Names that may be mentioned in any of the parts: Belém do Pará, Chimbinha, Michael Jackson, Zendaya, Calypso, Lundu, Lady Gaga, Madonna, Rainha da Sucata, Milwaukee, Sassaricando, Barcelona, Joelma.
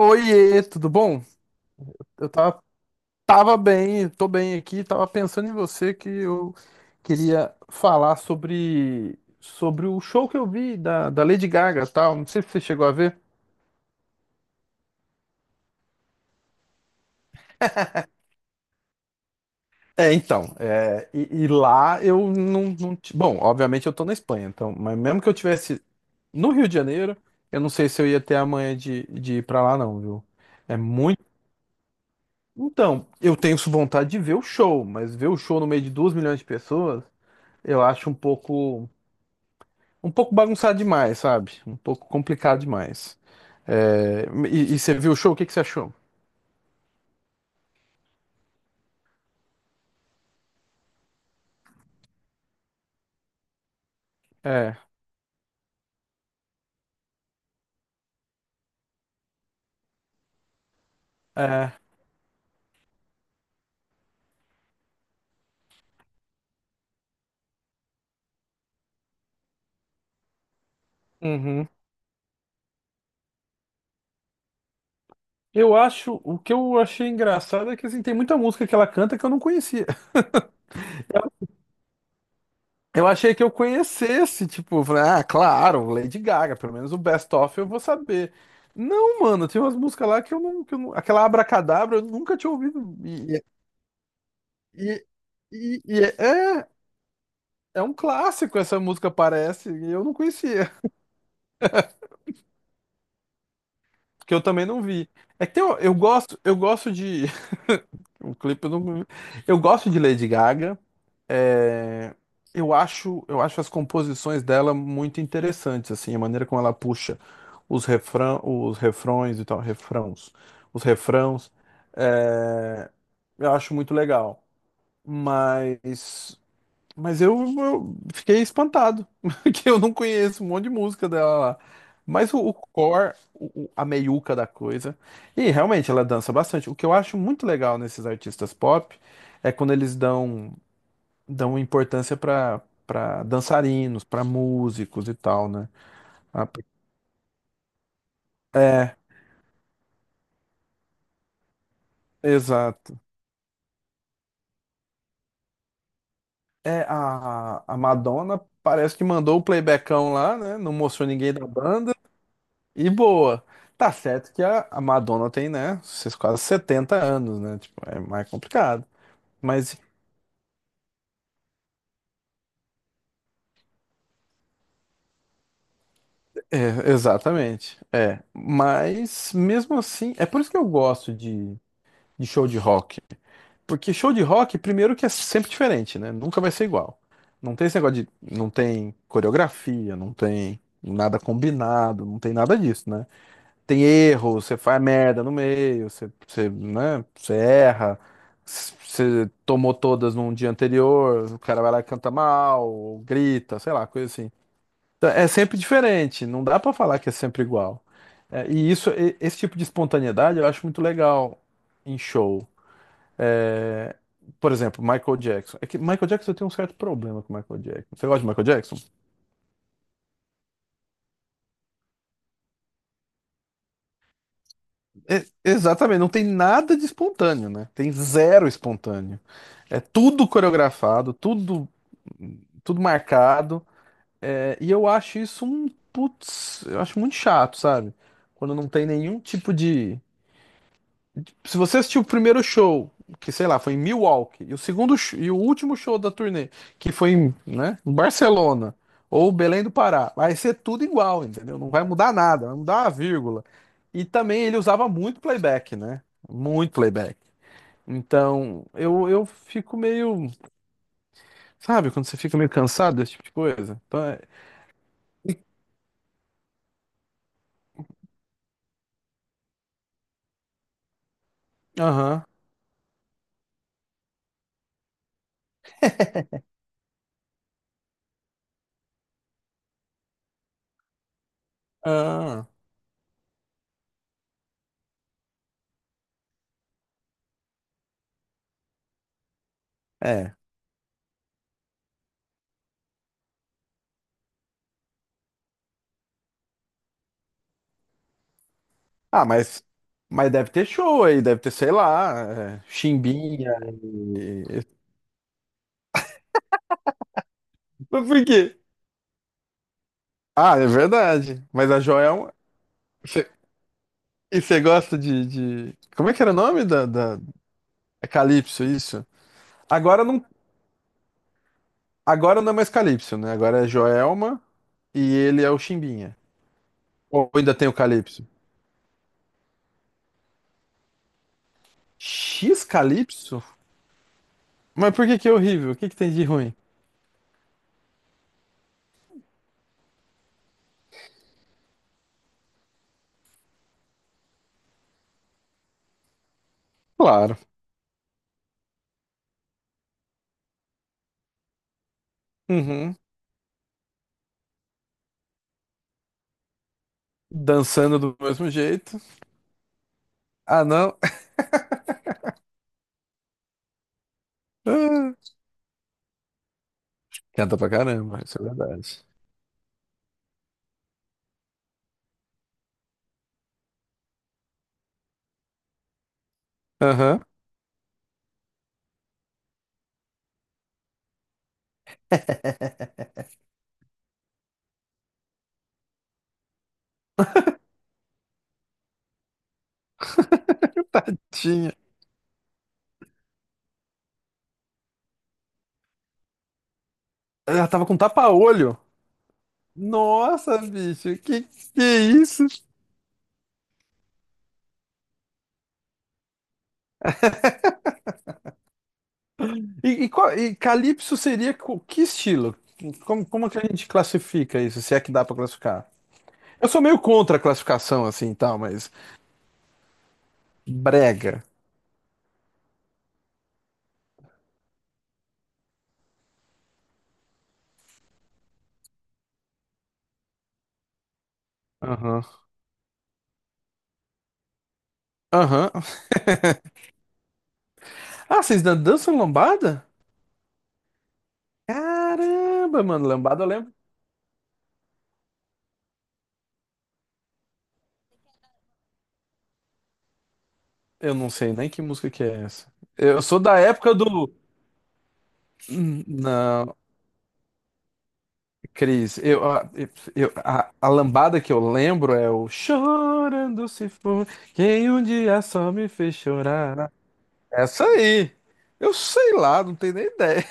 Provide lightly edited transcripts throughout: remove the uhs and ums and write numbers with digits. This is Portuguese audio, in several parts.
Oiê, tudo bom? Eu tava bem, tô bem aqui, tava pensando em você que eu queria falar sobre o show que eu vi da Lady Gaga, tal, não sei se você chegou a ver. É, então, lá eu não, bom, obviamente eu tô na Espanha, então, mas mesmo que eu tivesse no Rio de Janeiro, eu não sei se eu ia ter a manha de ir pra lá não, viu? É muito... Então, eu tenho vontade de ver o show, mas ver o show no meio de 2 milhões de pessoas, eu acho um pouco bagunçado demais, sabe? Um pouco complicado demais. É, e você viu o show? O que que você achou? É, é. Uhum. Eu acho, o que eu achei engraçado é que assim, tem muita música que ela canta que eu não conhecia. Eu achei que eu conhecesse, tipo, eu falei, ah, claro, Lady Gaga, pelo menos o Best Of eu vou saber. Não, mano, tem umas músicas lá que eu não, aquela Abracadabra eu nunca tinha ouvido. E, e, e é, é um clássico essa música, parece, e eu não conhecia. Que eu também não vi. É que tem, um, eu gosto de um clipe, não, eu gosto de Lady Gaga. É, eu acho as composições dela muito interessantes, assim, a maneira como ela puxa os refrão, os refrões e tal, refrãos, os refrãos, é, eu acho muito legal. Mas mas eu fiquei espantado, que eu não conheço um monte de música dela lá. Mas o core, o- a meiuca da coisa. E realmente ela dança bastante. O que eu acho muito legal nesses artistas pop é quando eles dão importância para dançarinos, para músicos e tal, né? A- É, exato. É, a Madonna parece que mandou o playbackão lá, né? Não mostrou ninguém da banda. E boa. Tá certo que a Madonna tem, né, esses quase 70 anos, né? Tipo, é mais complicado. Mas, é, exatamente. É. Mas, mesmo assim, é por isso que eu gosto de show de rock. Porque show de rock, primeiro que é sempre diferente, né? Nunca vai ser igual. Não tem esse negócio de. Não tem coreografia, não tem nada combinado, não tem nada disso, né? Tem erro, você faz merda no meio, você erra, você tomou todas num dia anterior, o cara vai lá e canta mal, ou grita, sei lá, coisa assim. Então, é sempre diferente, não dá pra falar que é sempre igual. É, e isso, esse tipo de espontaneidade eu acho muito legal em show. É, por exemplo, Michael Jackson. É que Michael Jackson eu tenho um certo problema com Michael Jackson. Você gosta de Michael Jackson? Exatamente, não tem nada de espontâneo, né? Tem zero espontâneo. É tudo coreografado, tudo, tudo marcado. É, e eu acho isso um, putz, eu acho muito chato, sabe? Quando não tem nenhum tipo de, se você assistiu o primeiro show, que sei lá, foi em Milwaukee, e o último show da turnê, que foi em, né, em Barcelona ou Belém do Pará, vai ser tudo igual, entendeu? Não vai mudar nada, vai mudar uma vírgula. E também ele usava muito playback, né? Muito playback. Então, eu fico meio, sabe, quando você fica meio cansado desse tipo de coisa. Aham. Ah, é. Ah, mas deve ter show aí, deve ter, sei lá, é, Chimbinha, e mas por quê? Ah, é verdade. Mas a Joel. É um- Cê- E você gosta de, de. como é que era o nome da, da. é Calypso, isso? Agora não, agora não é mais Calypso, né? Agora é Joelma e ele é o Chimbinha. Ou ainda tem o Calypso? X Calypso? Mas por que que é horrível? O que que tem de ruim? Claro. Uhum. Dançando do mesmo jeito. Ah, não. Canta pra caramba, isso é verdade. Aham. Tadinha. Ela tava com tapa-olho. Nossa, bicho, que é isso? E Calypso seria que estilo? Como, como que a gente classifica isso, se é que dá pra classificar? Eu sou meio contra a classificação assim, e tal, mas brega. Aham. Aham. Ah, vocês dançam lambada? Caramba, mano, lambada eu lembro. Eu não sei nem que música que é essa. Eu sou da época do. Não. Cris, a lambada que eu lembro é o Chorando se for, quem um dia só me fez chorar. Essa aí. Eu sei lá, não tenho nem ideia.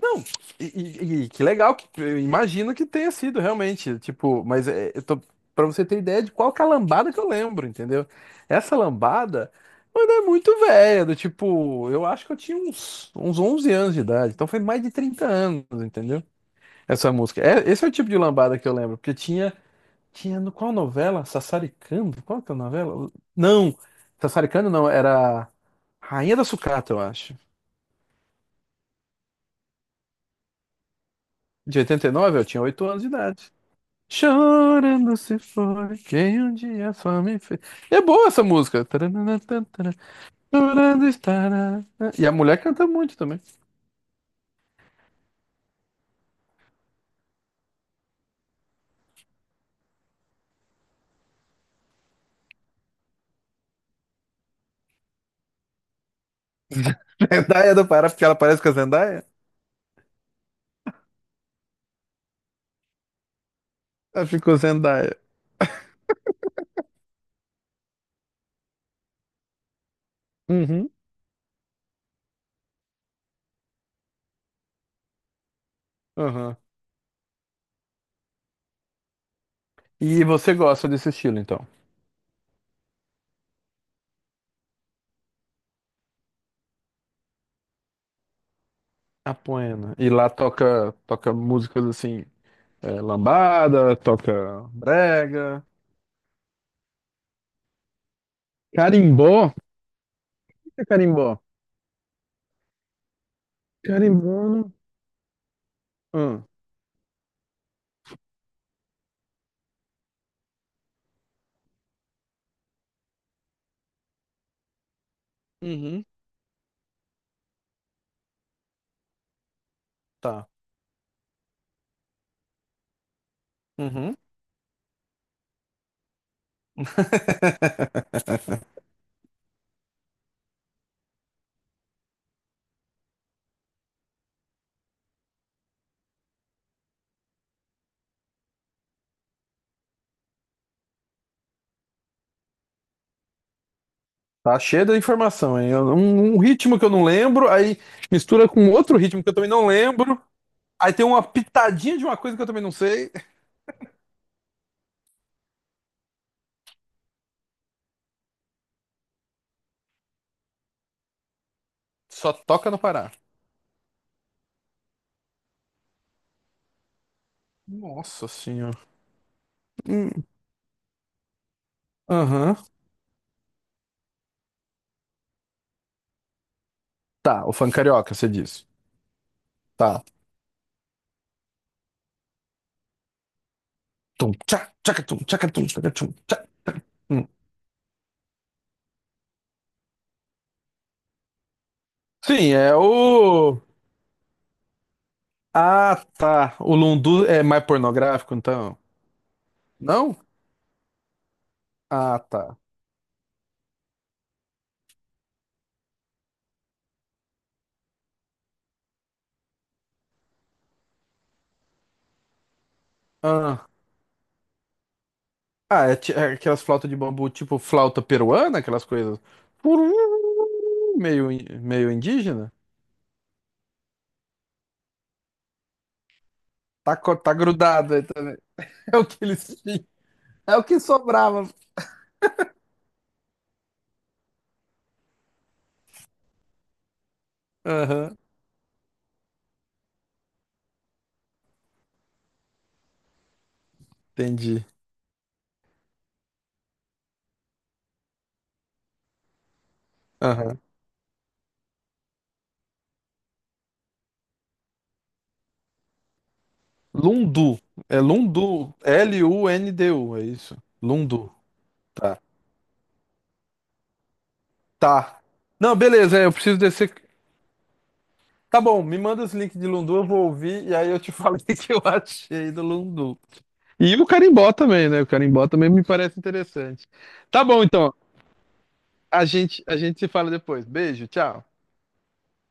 Não, e que legal que eu imagino que tenha sido realmente, tipo, mas é, eu tô para você ter ideia de qual que é a lambada que eu lembro, entendeu? Essa lambada, mano, é muito velha, do tipo, eu acho que eu tinha uns 11 anos de idade, então foi mais de 30 anos, entendeu? Essa música. É, esse é o tipo de lambada que eu lembro, porque tinha, no qual novela? Sassaricando? Qual que é a novela? Não, Sassaricando não, era Rainha da Sucata, eu acho. De 89 eu tinha 8 anos de idade. Chorando se foi quem um dia só me fez. E é boa essa música. Tarananatantara, Chorando estará. E a mulher canta muito também. Zendaya do Pará, porque ela parece com a Zendaya? Ela ficou Zendaya. Uhum, uhum. E você gosta desse estilo, então? Apoena. E lá toca, toca músicas assim, é, lambada, toca brega. Carimbó? O que é carimbó? Carimbó não. Ah, uhum. Tá. Uhum. Tá cheio da informação, hein? Um ritmo que eu não lembro, aí mistura com outro ritmo que eu também não lembro. Aí tem uma pitadinha de uma coisa que eu também não sei. Só toca no Pará. Nossa senhora. Hum, Aham. Tá, o funk carioca, você diz. Tá. Tum, tchá, tchacatum, tchacatum, tchacatum, tchá. Sim, é o. Ah, tá. O Lundu é mais pornográfico, então? Não? Ah, tá. Ah, é aquelas flautas de bambu, tipo flauta peruana, aquelas coisas. Puru, meio, meio indígena. Tá, tá grudado aí também. É o que eles tinham. É o que sobrava. Aham, entendi. Aham. Lundu. É Lundu. Lundu, é isso. Lundu. Tá. Tá. Não, beleza, é, eu preciso descer. Tá bom, me manda os links de Lundu, eu vou ouvir e aí eu te falo o que que eu achei do Lundu. E o carimbó também, né? O carimbó também me parece interessante. Tá bom, então. A gente se fala depois. Beijo, tchau.